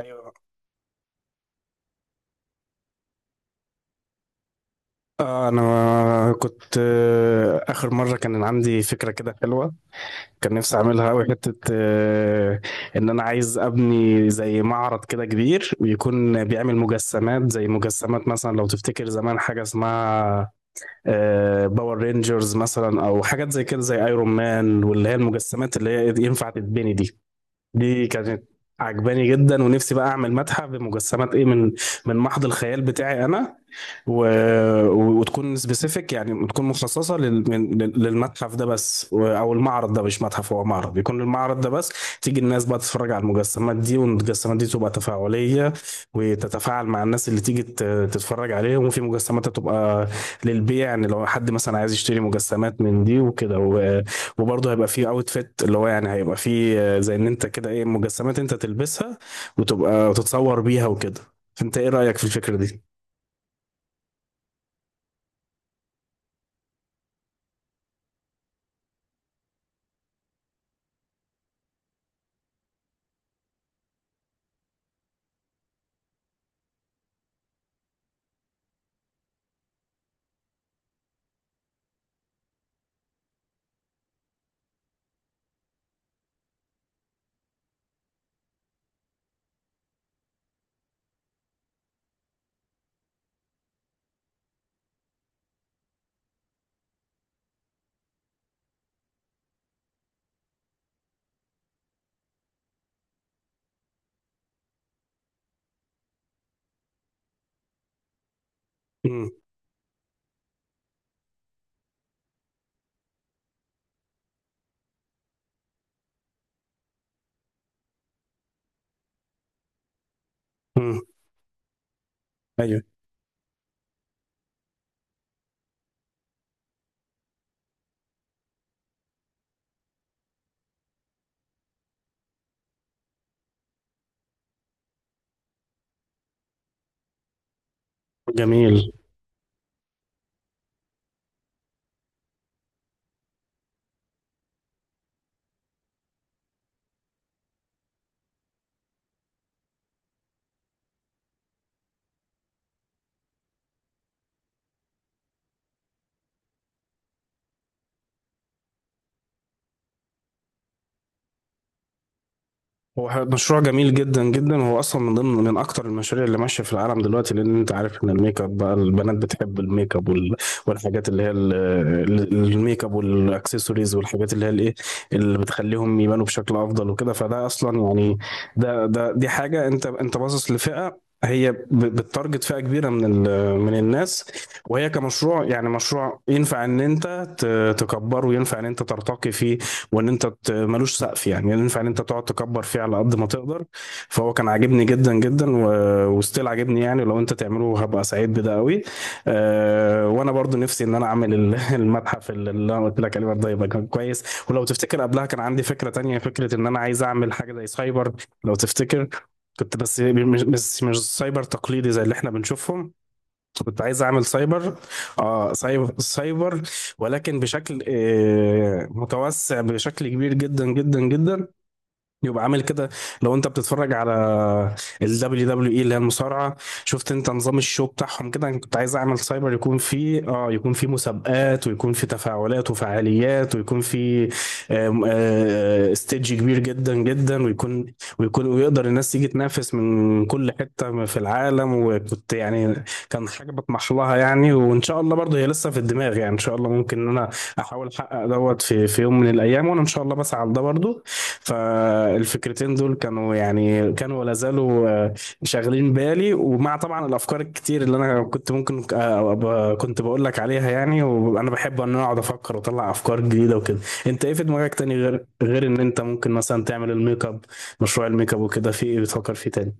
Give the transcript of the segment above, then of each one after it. ايوه. انا كنت اخر مره كان عندي فكره كده حلوه. كان نفسي اعملها قوي حته، ان انا عايز ابني زي معرض كده كبير، ويكون بيعمل مجسمات زي مجسمات، مثلا لو تفتكر زمان حاجه اسمها باور رينجرز مثلا، او حاجات زي كده زي ايرون مان، واللي هي المجسمات اللي هي ينفع تتبني دي. دي كانت عجباني جدا، ونفسي بقى اعمل متحف بمجسمات ايه، من محض الخيال بتاعي انا. و... وتكون سبيسيفيك، يعني تكون مخصصه للمتحف ده بس او المعرض ده. مش متحف، هو معرض. بيكون المعرض ده بس تيجي الناس بقى تتفرج على المجسمات دي، والمجسمات دي تبقى تفاعليه وتتفاعل مع الناس اللي تيجي تتفرج عليهم. وفي مجسمات تبقى للبيع، يعني لو حد مثلا عايز يشتري مجسمات من دي وكده. وبرضه هيبقى فيه اوتفيت، اللي هو يعني هيبقى فيه زي ان انت كده ايه، مجسمات انت تلبسها وتبقى وتتصور بيها وكده. انت ايه رايك في الفكره دي؟ مم. مم. ايوه. جميل. هو مشروع جميل جدا جدا. هو اصلا من ضمن من اكتر المشاريع اللي ماشيه في العالم دلوقتي، لان انت عارف ان الميك اب بقى، البنات بتحب الميك اب والحاجات اللي هي الميك اب والاكسسوارز، والحاجات اللي هي الايه اللي بتخليهم يبانوا بشكل افضل وكده. فده اصلا يعني، ده دي حاجه، انت باصص لفئه هي بتتارجت، فئه كبيره من الناس. وهي كمشروع، يعني مشروع ينفع ان انت تكبره، وينفع ان انت ترتقي فيه، وان انت ملوش سقف، يعني ينفع ان انت تقعد تكبر فيه على قد ما تقدر. فهو كان عاجبني جدا جدا. وستيل عاجبني، يعني لو انت تعمله هبقى سعيد بده قوي. وانا برضو نفسي ان انا اعمل المتحف اللي انا قلت لك عليه برضه، يبقى كان كويس. ولو تفتكر قبلها كان عندي فكرة تانية، فكرة ان انا عايز اعمل حاجة زي سايبر، لو تفتكر. كنت بس مش سايبر تقليدي زي اللي احنا بنشوفهم. كنت عايز اعمل سايبر، اه سايبر سايبر، ولكن بشكل متوسع بشكل كبير جدا جدا جدا. يبقى عامل كده. لو انت بتتفرج على ال WWE، اللي هي المصارعة، شفت انت نظام الشو بتاعهم كده. انا كنت عايز اعمل سايبر يكون فيه، يكون فيه مسابقات، ويكون فيه تفاعلات وفعاليات، ويكون فيه آم، آه، ستيدج كبير جدا جدا. ويكون ويقدر الناس تيجي تنافس من كل حتة في العالم. وكنت يعني، كان حاجة بطمح لها يعني، وان شاء الله برضه هي لسه في الدماغ. يعني ان شاء الله ممكن ان انا احاول احقق دوت في يوم من الايام، وانا ان شاء الله بسعى لده برضه. فالفكرتين دول كانوا، يعني كانوا ولا زالوا، شاغلين بالي، ومع طبعا الافكار الكتير اللي انا كنت ممكن كنت بقول لك عليها يعني. وانا بحب ان انا اقعد افكر واطلع افكار جديده وكده. انت ايه في دماغك تاني، غير ان انت ممكن مثلا تعمل الميك اب، مشروع الميك اب وكده، في ايه بتفكر فيه تاني؟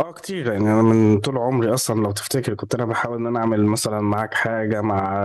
اه، كتير يعني. انا من طول عمري اصلا، لو تفتكر، كنت انا بحاول ان انا اعمل مثلا معاك حاجه، مع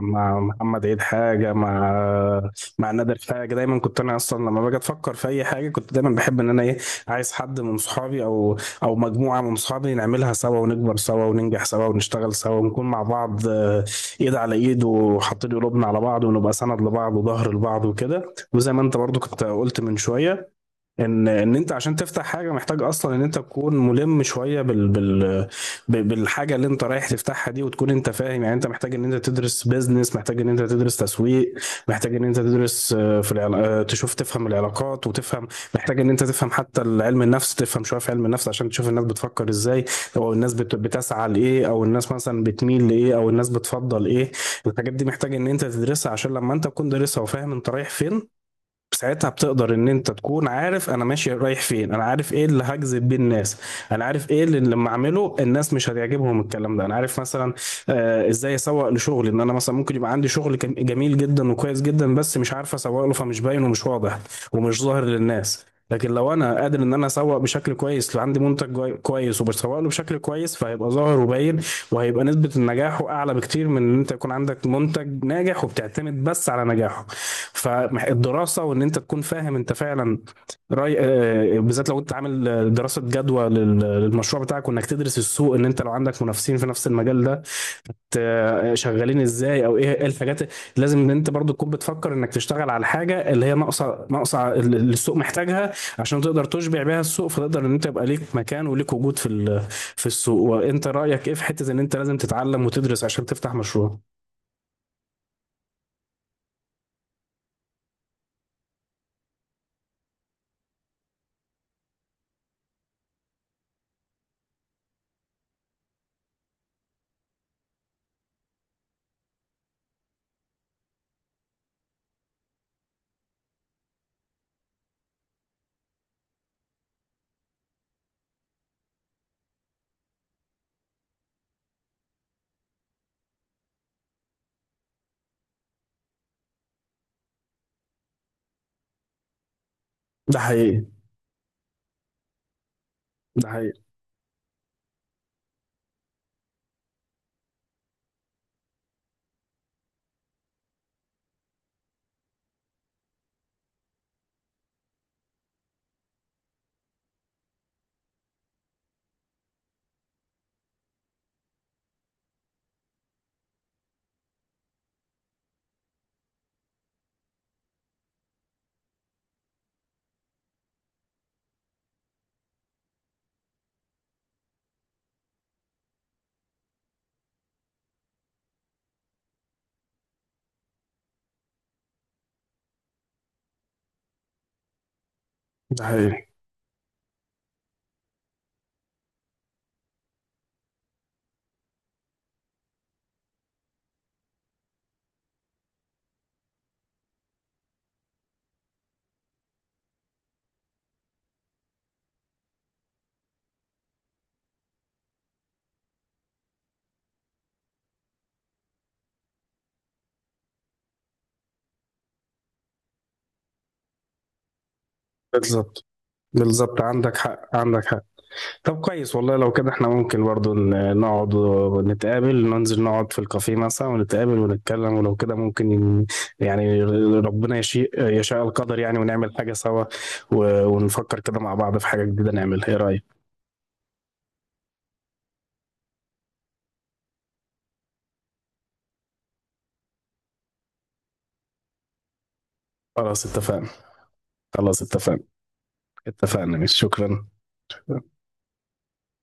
مع محمد عيد حاجه، مع نادر حاجه. دايما كنت انا اصلا، لما باجي افكر في اي حاجه، كنت دايما بحب ان انا ايه، عايز حد من صحابي، او مجموعه من صحابي، نعملها سوا، ونكبر سوا، وننجح سوا، ونشتغل سوا، ونكون مع بعض، ايد على ايد، وحاطين قلوبنا على بعض، ونبقى سند لبعض وظهر لبعض وكده. وزي ما انت برضو كنت قلت من شويه، ان انت عشان تفتح حاجه محتاج اصلا ان انت تكون ملم شويه بالحاجه اللي انت رايح تفتحها دي، وتكون انت فاهم. يعني انت محتاج ان انت تدرس بيزنس، محتاج ان انت تدرس تسويق، محتاج ان انت تدرس في العلا- آه، تشوف تفهم العلاقات وتفهم. محتاج ان انت تفهم حتى علم النفس، تفهم شويه في علم النفس، عشان تشوف الناس بتفكر ازاي، او الناس بتسعى لايه، او الناس مثلا بتميل لايه، او الناس بتفضل ايه. الحاجات دي محتاج ان انت تدرسها، عشان لما انت تكون دارسها وفاهم انت رايح فين، ساعتها بتقدر ان انت تكون عارف انا ماشي رايح فين. انا عارف ايه اللي هجذب بيه الناس، انا عارف ايه اللي لما اعمله الناس مش هتعجبهم الكلام ده، انا عارف مثلا ازاي اسوق لشغلي. ان انا مثلا ممكن يبقى عندي شغل جميل جدا وكويس جدا، بس مش عارف اسوق له، فمش باين ومش واضح ومش ظاهر للناس. لكن لو انا قادر ان انا اسوق بشكل كويس، لو عندي منتج كويس، وبسوق له بشكل كويس، فهيبقى ظاهر وباين. وهيبقى نسبة نجاحه أعلى بكتير من إن أنت يكون عندك منتج ناجح وبتعتمد بس على نجاحه. فالدراسة وإن أنت تكون فاهم أنت فعلا رأي، بالذات لو أنت عامل دراسة جدوى للمشروع بتاعك، وإنك تدرس السوق. إن أنت لو عندك منافسين في نفس المجال ده شغالين ازاي، او ايه الحاجات لازم ان انت برضو تكون بتفكر انك تشتغل على الحاجه اللي هي ناقصه، اللي السوق محتاجها، عشان تقدر تشبع بيها السوق. فتقدر ان انت يبقى ليك مكان وليك وجود في السوق. وانت رايك ايه في حته ان انت لازم تتعلم وتدرس عشان تفتح مشروع؟ ده حقيقي. ده حقيقي. ده حقيقي. بالظبط. بالظبط. عندك حق. عندك حق. طب كويس والله. لو كده احنا ممكن برضو نقعد ونتقابل، ننزل نقعد في الكافيه مثلا ونتقابل ونتكلم. ولو كده ممكن يعني ربنا يشاء القدر يعني، ونعمل حاجة سوا، ونفكر كده مع بعض في حاجة جديدة نعملها. ايه رأيك؟ خلاص اتفقنا. خلاص اتفقنا. اتفقنا. مش شكرا.